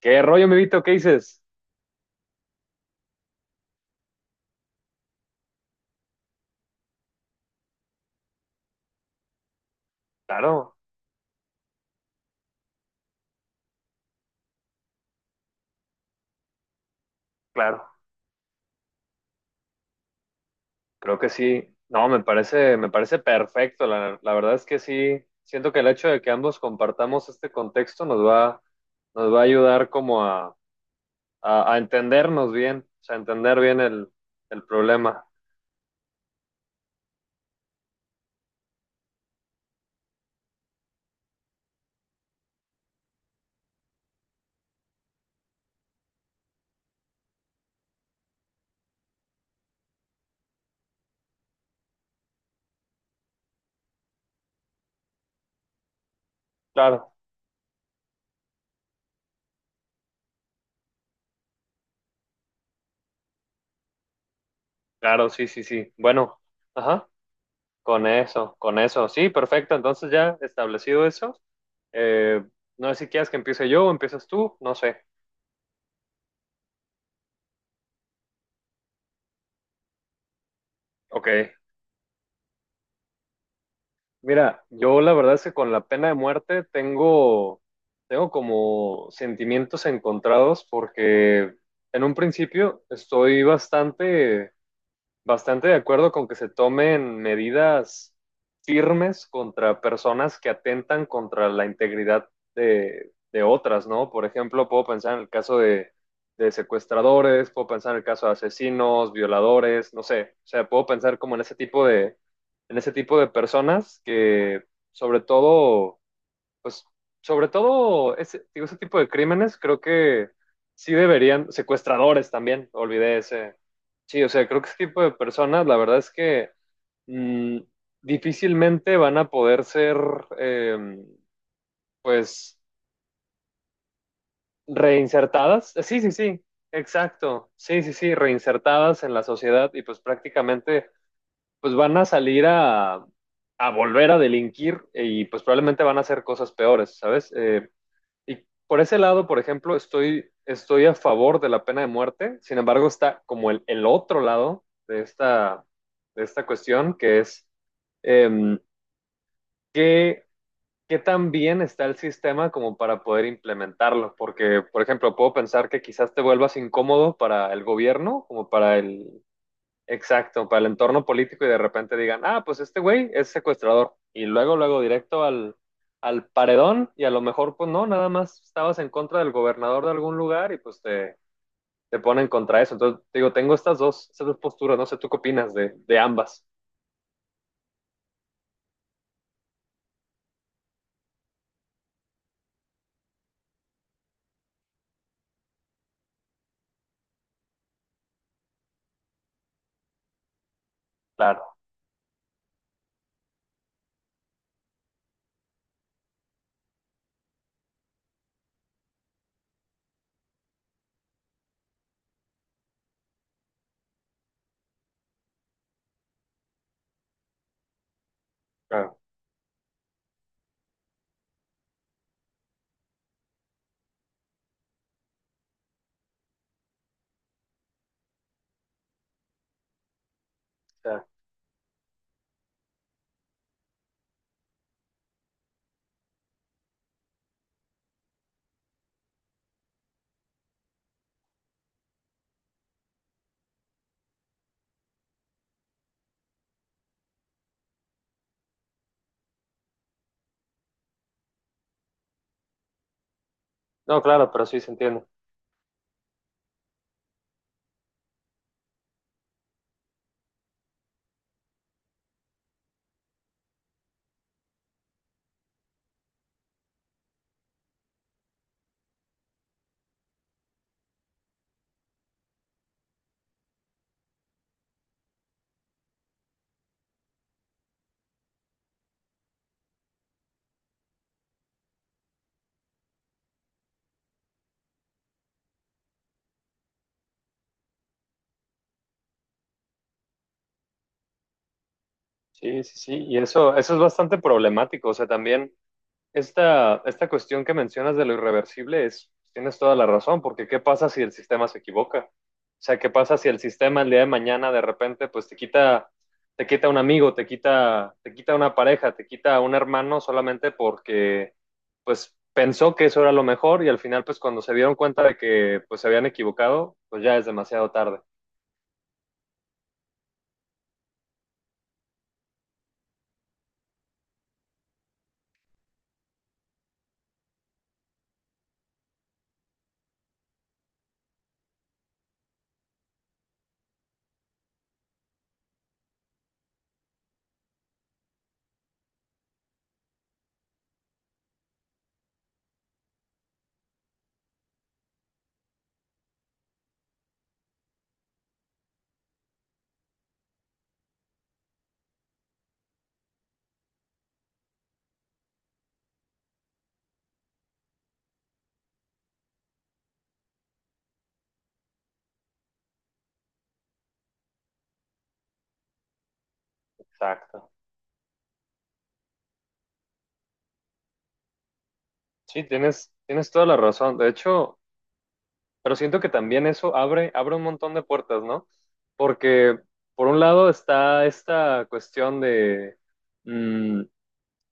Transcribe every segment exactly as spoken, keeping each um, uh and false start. ¿Qué rollo, mi Vito? ¿Qué dices? Claro, claro, creo que sí. No, me parece, me parece perfecto. La, la verdad es que sí, siento que el hecho de que ambos compartamos este contexto nos va, nos va a ayudar como a, a, a entendernos bien, o sea, entender bien el, el problema. Claro, claro, sí, sí, sí. Bueno, ajá, con eso, con eso. Sí, perfecto. Entonces ya establecido eso. eh, no sé si quieres que empiece yo o empiezas tú, no sé. Ok, mira, yo la verdad es que con la pena de muerte tengo, tengo como sentimientos encontrados porque en un principio estoy bastante bastante de acuerdo con que se tomen medidas firmes contra personas que atentan contra la integridad de, de otras, ¿no? Por ejemplo, puedo pensar en el caso de, de secuestradores, puedo pensar en el caso de asesinos, violadores, no sé. O sea, puedo pensar como en ese tipo de, en ese tipo de personas que, sobre todo, pues sobre todo ese, digo, ese tipo de crímenes, creo que sí deberían, secuestradores también, olvidé ese. Sí, o sea, creo que ese tipo de personas, la verdad es que mm, difícilmente van a poder ser, eh, pues, reinsertadas. Eh, Sí, sí, sí, exacto. Sí, sí, sí, reinsertadas en la sociedad y pues prácticamente, pues van a salir a, a volver a delinquir y pues probablemente van a hacer cosas peores, ¿sabes? Eh, Y por ese lado, por ejemplo, estoy, estoy a favor de la pena de muerte. Sin embargo, está como el, el otro lado de esta, de esta cuestión, que es em, qué, qué tan bien está el sistema como para poder implementarlo. Porque, por ejemplo, puedo pensar que quizás te vuelvas incómodo para el gobierno, como para el, exacto, para el entorno político y de repente digan, ah, pues este güey es secuestrador. Y luego, luego directo al, al paredón y a lo mejor, pues no, nada más estabas en contra del gobernador de algún lugar y pues te, te ponen contra eso. Entonces, te digo, tengo estas dos, estas dos posturas, no sé, ¿tú qué opinas de, de ambas? Claro, claro, claro. No, claro, pero sí se entiende. Sí, sí, sí. Y eso, eso es bastante problemático. O sea, también Esta, esta cuestión que mencionas de lo irreversible es, tienes toda la razón, porque ¿qué pasa si el sistema se equivoca? O sea, ¿qué pasa si el sistema el día de mañana de repente pues te quita, te quita un amigo, te quita, te quita una pareja, te quita un hermano solamente porque pues pensó que eso era lo mejor y al final pues cuando se dieron cuenta de que pues se habían equivocado, pues ya es demasiado tarde. Exacto. Sí, tienes, tienes toda la razón. De hecho, pero siento que también eso abre, abre un montón de puertas, ¿no? Porque por un lado está esta cuestión de mm,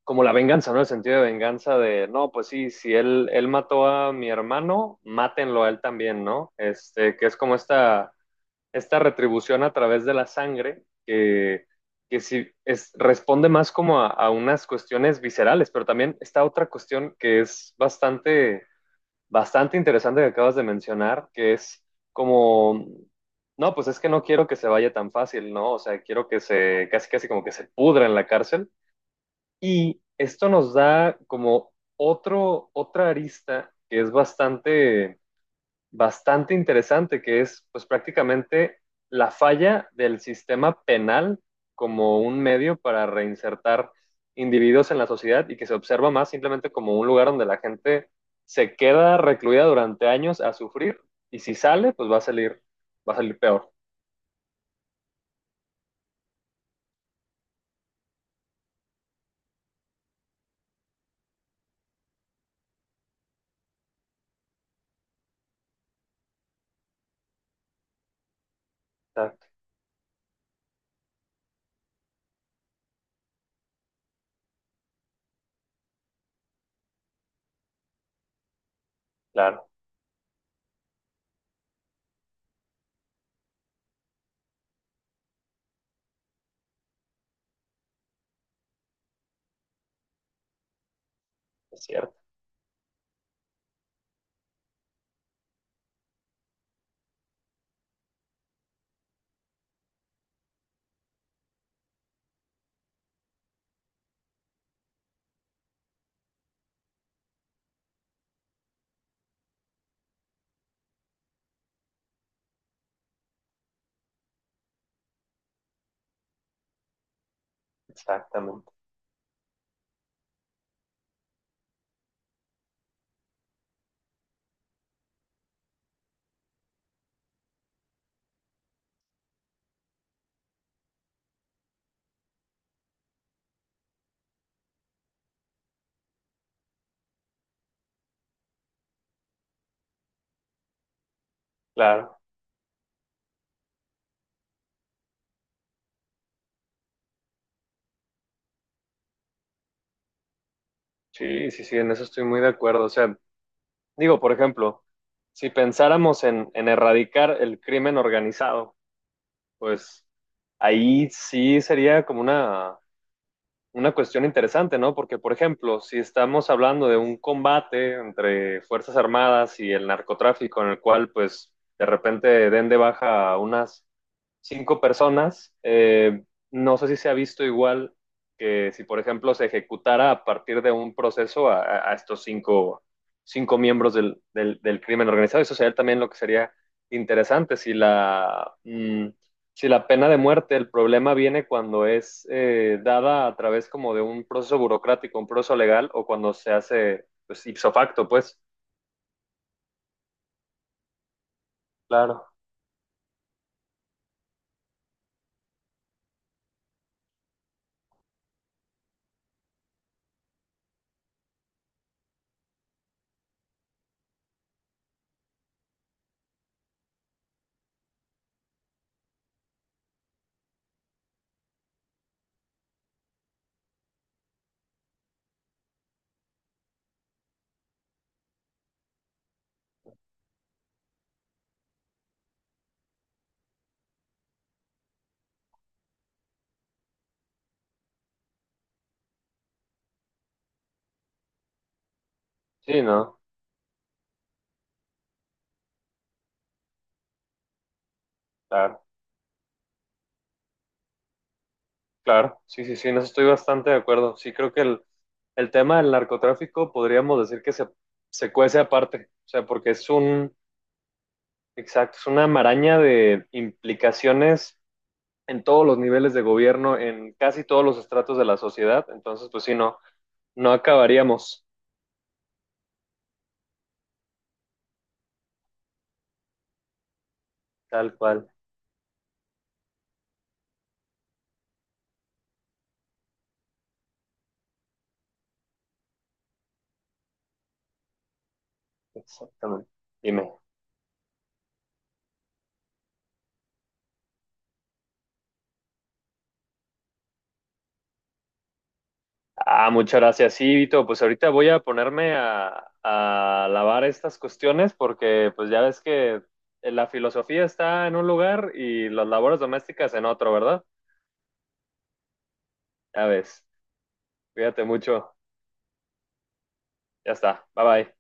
como la venganza, ¿no? El sentido de venganza de, no, pues sí, si él, él mató a mi hermano, mátenlo a él también, ¿no? Este, que es como esta, esta retribución a través de la sangre que, que sí es, responde más como a, a unas cuestiones viscerales, pero también está otra cuestión que es bastante bastante interesante que acabas de mencionar, que es como, no, pues es que no quiero que se vaya tan fácil, ¿no? O sea, quiero que se, casi, casi como que se pudra en la cárcel. Y esto nos da como otro, otra arista que es bastante bastante interesante, que es pues prácticamente la falla del sistema penal como un medio para reinsertar individuos en la sociedad y que se observa más simplemente como un lugar donde la gente se queda recluida durante años a sufrir y si sale, pues va a salir, va a salir peor. Exacto, claro, es cierto, exactamente, claro. Sí, sí, sí, en eso estoy muy de acuerdo. O sea, digo, por ejemplo, si pensáramos en, en erradicar el crimen organizado, pues ahí sí sería como una, una cuestión interesante, ¿no? Porque, por ejemplo, si estamos hablando de un combate entre Fuerzas Armadas y el narcotráfico, en el cual, pues, de repente den de baja a unas cinco personas. Eh, no sé si se ha visto igual que si, por ejemplo, se ejecutara a partir de un proceso a, a estos cinco, cinco miembros del, del, del crimen organizado. Eso sería también lo que sería interesante. Si la, mm, si la pena de muerte, el problema viene cuando es eh, dada a través como de un proceso burocrático, un proceso legal, o cuando se hace pues, ipso facto, pues. Claro. Sí, ¿no? Claro. Claro, sí, sí, sí, en eso estoy bastante de acuerdo. Sí, creo que el, el tema del narcotráfico podríamos decir que se, se cuece aparte, o sea, porque es un, exacto, es una maraña de implicaciones en todos los niveles de gobierno, en casi todos los estratos de la sociedad. Entonces, pues sí, no, no acabaríamos tal cual. Exactamente. Dime. Ah, muchas gracias. Sí, Vito, pues ahorita voy a ponerme a, a lavar estas cuestiones porque pues ya ves que eh, la filosofía está en un lugar y las labores domésticas en otro, ¿verdad? Ya ves. Cuídate mucho. Ya está. Bye bye.